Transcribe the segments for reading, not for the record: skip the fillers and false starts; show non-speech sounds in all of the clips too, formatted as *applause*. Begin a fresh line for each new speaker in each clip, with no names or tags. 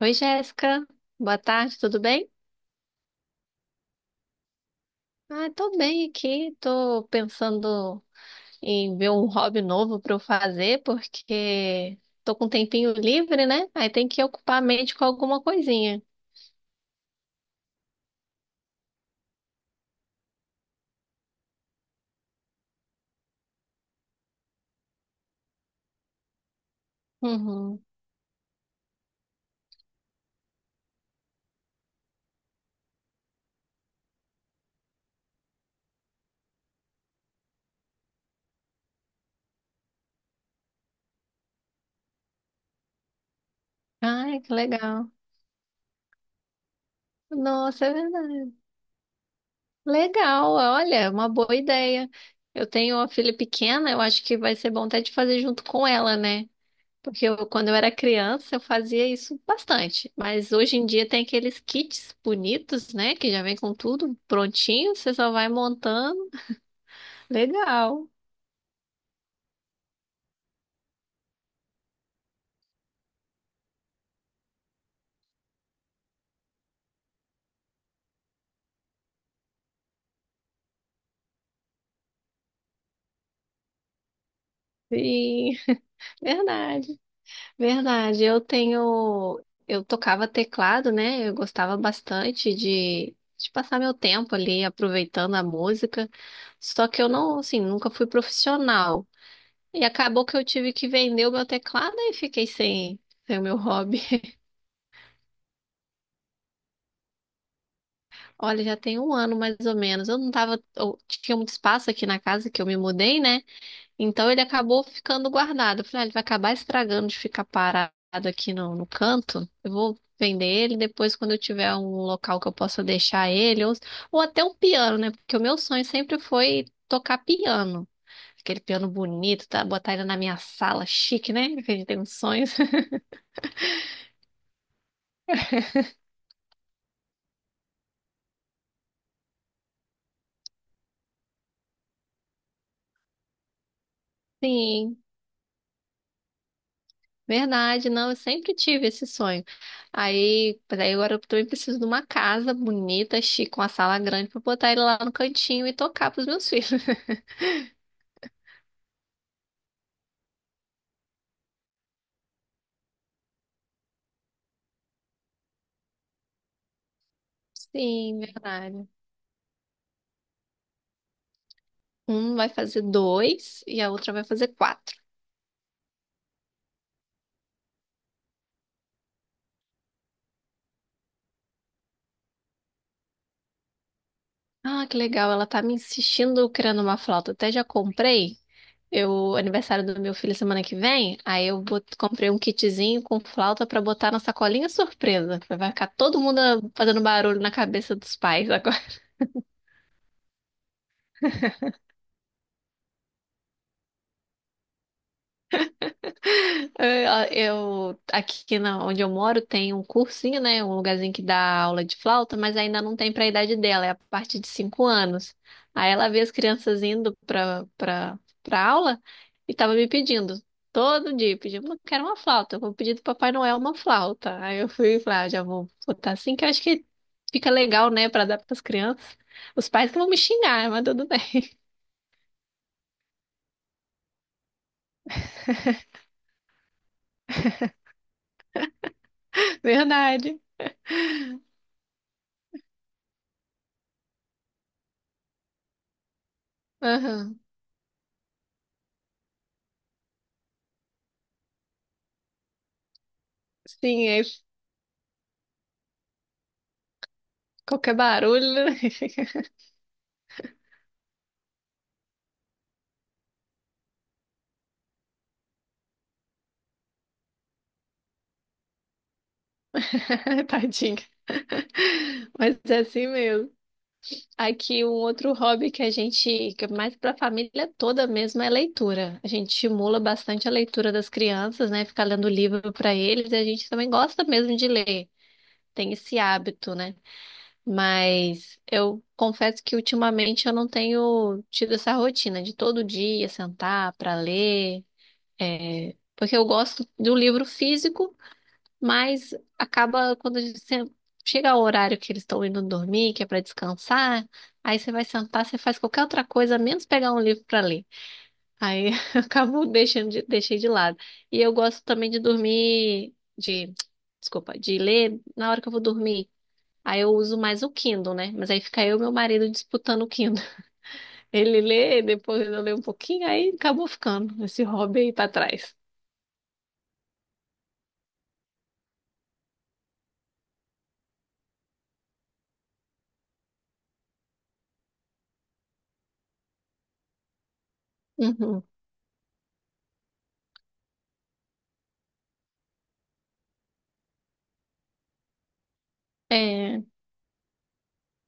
Oi, Jéssica. Boa tarde, tudo bem? Ah, tô bem aqui. Tô pensando em ver um hobby novo para eu fazer, porque tô com um tempinho livre, né? Aí tem que ocupar a mente com alguma coisinha. Uhum. Ai, que legal. Nossa, é verdade. Legal, olha, é uma boa ideia. Eu tenho uma filha pequena, eu acho que vai ser bom até de fazer junto com ela, né? Porque eu, quando eu era criança, eu fazia isso bastante. Mas hoje em dia tem aqueles kits bonitos, né? Que já vem com tudo prontinho, você só vai montando. Legal. Sim, *laughs* verdade. Verdade. Eu tenho. Eu tocava teclado, né? Eu gostava bastante de passar meu tempo ali aproveitando a música. Só que eu não, assim, nunca fui profissional. E acabou que eu tive que vender o meu teclado e fiquei sem o meu hobby. Olha, já tem um ano mais ou menos. Eu não tava, eu tinha muito espaço aqui na casa que eu me mudei, né? Então ele acabou ficando guardado. Eu falei, ah, ele vai acabar estragando de ficar parado aqui no canto. Eu vou vender ele depois quando eu tiver um local que eu possa deixar ele, ou até um piano, né? Porque o meu sonho sempre foi tocar piano. Aquele piano bonito, tá? Botar ele na minha sala, chique, né? Que a gente tem uns sonhos. *laughs* Sim. Verdade, não, eu sempre tive esse sonho. Aí agora eu também preciso de uma casa bonita, chique, com uma sala grande para botar ele lá no cantinho e tocar pros meus filhos. *laughs* Sim, verdade. Um vai fazer dois e a outra vai fazer quatro. Ah, que legal, ela tá me insistindo criando uma flauta. Até já comprei. Eu, aniversário do meu filho semana que vem, aí eu comprei um kitzinho com flauta pra botar na sacolinha surpresa. Vai ficar todo mundo fazendo barulho na cabeça dos pais agora. É, eu, aqui na, onde eu moro tem um cursinho, né? Um lugarzinho que dá aula de flauta, mas ainda não tem para a idade dela, é a partir de 5 anos. Aí ela vê as crianças indo para aula e tava me pedindo, todo dia, pedindo, eu quero uma flauta, eu vou pedir do Papai Noel uma flauta. Aí eu fui e falei, ah, já vou botar assim, que eu acho que fica legal, né, para dar para as crianças. Os pais que vão me xingar, mas tudo bem. *laughs* Verdade. Aham. Sim, aí qualquer barulho, *laughs* tadinho. *laughs* Mas é assim mesmo. Aqui um outro hobby que que é mais para a família toda mesmo, é leitura. A gente estimula bastante a leitura das crianças, né? Ficar lendo livro para eles e a gente também gosta mesmo de ler. Tem esse hábito, né? Mas eu confesso que ultimamente eu não tenho tido essa rotina de todo dia sentar para ler, porque eu gosto do livro físico. Mas acaba quando você chega ao horário que eles estão indo dormir, que é para descansar, aí você vai sentar, você faz qualquer outra coisa, menos pegar um livro para ler. Aí *laughs* eu acabo deixei de lado. E eu gosto também de dormir, desculpa, de ler na hora que eu vou dormir. Aí eu uso mais o Kindle, né? Mas aí fica eu e meu marido disputando o Kindle. *laughs* Ele lê, depois eu leio um pouquinho, aí acabou ficando esse hobby aí para trás. Uhum. É.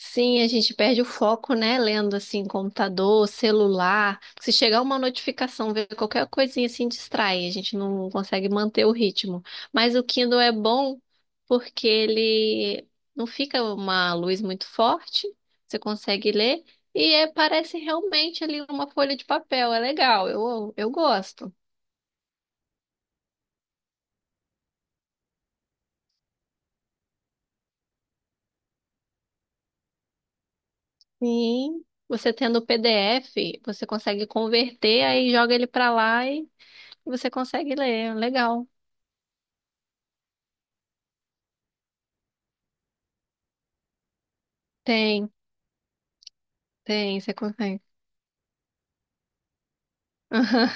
Sim, a gente perde o foco, né? Lendo assim, computador, celular. Se chegar uma notificação, ver qualquer coisinha assim distrai, a gente não consegue manter o ritmo. Mas o Kindle é bom porque ele não fica uma luz muito forte, você consegue ler e parece realmente ali uma folha de papel. É legal, eu gosto. Sim. Você tendo o PDF, você consegue converter, aí joga ele pra lá e você consegue ler. Legal. Tem. Tem, você consegue. *laughs* Aham.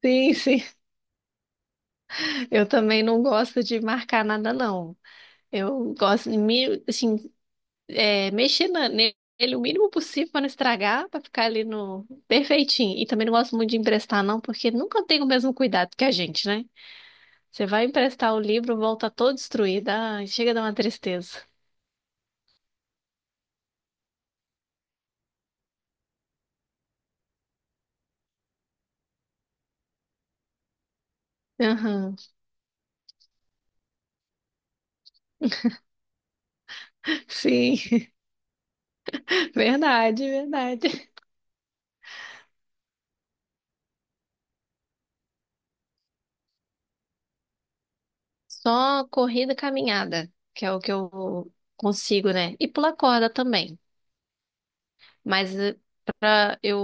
Sim, sim. Eu também não gosto de marcar nada, não. Eu gosto de me, assim, mexer nele o mínimo possível para não estragar, para ficar ali no perfeitinho. E também não gosto muito de emprestar, não, porque nunca tem o mesmo cuidado que a gente, né? Você vai emprestar o livro, volta todo destruído. Ai, chega a dar uma tristeza. Aham. Sim, *laughs* verdade, verdade. Só corrida, e caminhada, que é o que eu consigo, né? E pular corda também. Mas para eu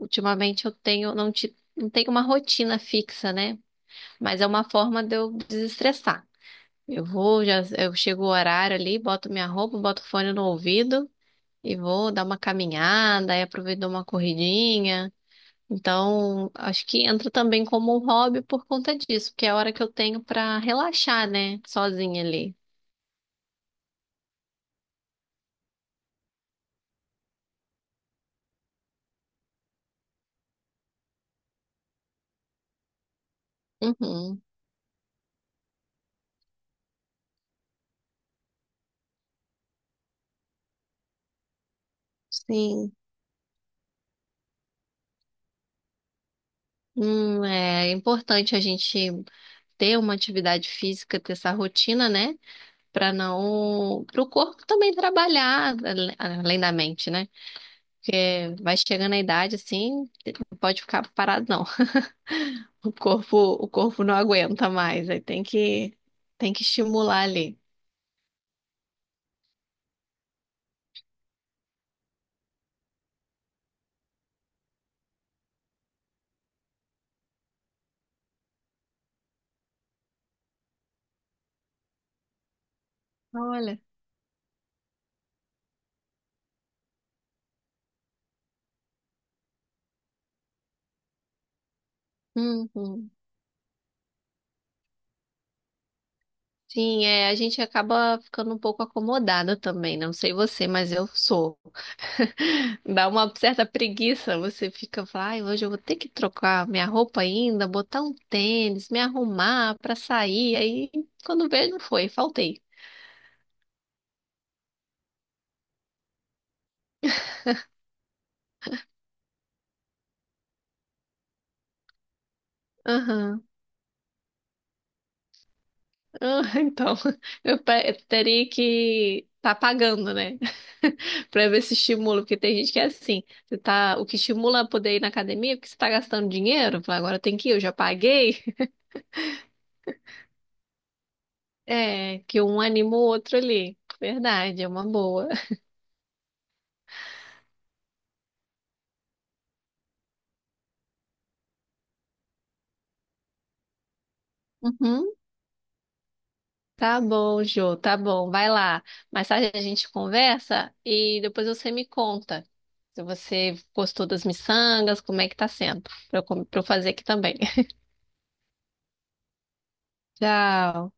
ultimamente eu tenho não, ti- não tenho uma rotina fixa, né? Mas é uma forma de eu desestressar. Eu vou, já eu chego o horário ali, boto minha roupa, boto o fone no ouvido e vou dar uma caminhada, aí aproveito dou uma corridinha. Então, acho que entra também como um hobby por conta disso, porque é a hora que eu tenho para relaxar, né? Sozinha ali. Uhum. Sim. É importante a gente ter uma atividade física, ter essa rotina, né? Para não, para o corpo também trabalhar além da mente, né? Porque vai chegando a idade assim, não pode ficar parado não. *laughs* O corpo não aguenta mais, aí tem que, estimular ali. Olha. Uhum. Sim, é, a gente acaba ficando um pouco acomodada também, né? Não sei você, mas eu sou. Dá uma certa preguiça, você fica, fala, ai, hoje eu vou ter que trocar minha roupa ainda, botar um tênis, me arrumar pra sair. Aí, quando veio, não foi, faltei. Aham. Ah, *laughs* então, eu teria que tá pagando, né? *laughs* Pra ver se estimula, porque tem gente que é assim, você tá, o que estimula a poder ir na academia é porque você tá gastando dinheiro, fala, agora tem que ir, eu já paguei. *laughs* É, que um anima o outro ali. Verdade, é uma boa. Uhum. Tá bom, Jô, tá bom, vai lá. Mais tarde a gente conversa e depois você me conta se você gostou das miçangas, como é que tá sendo, pra eu fazer aqui também. *laughs* Tchau.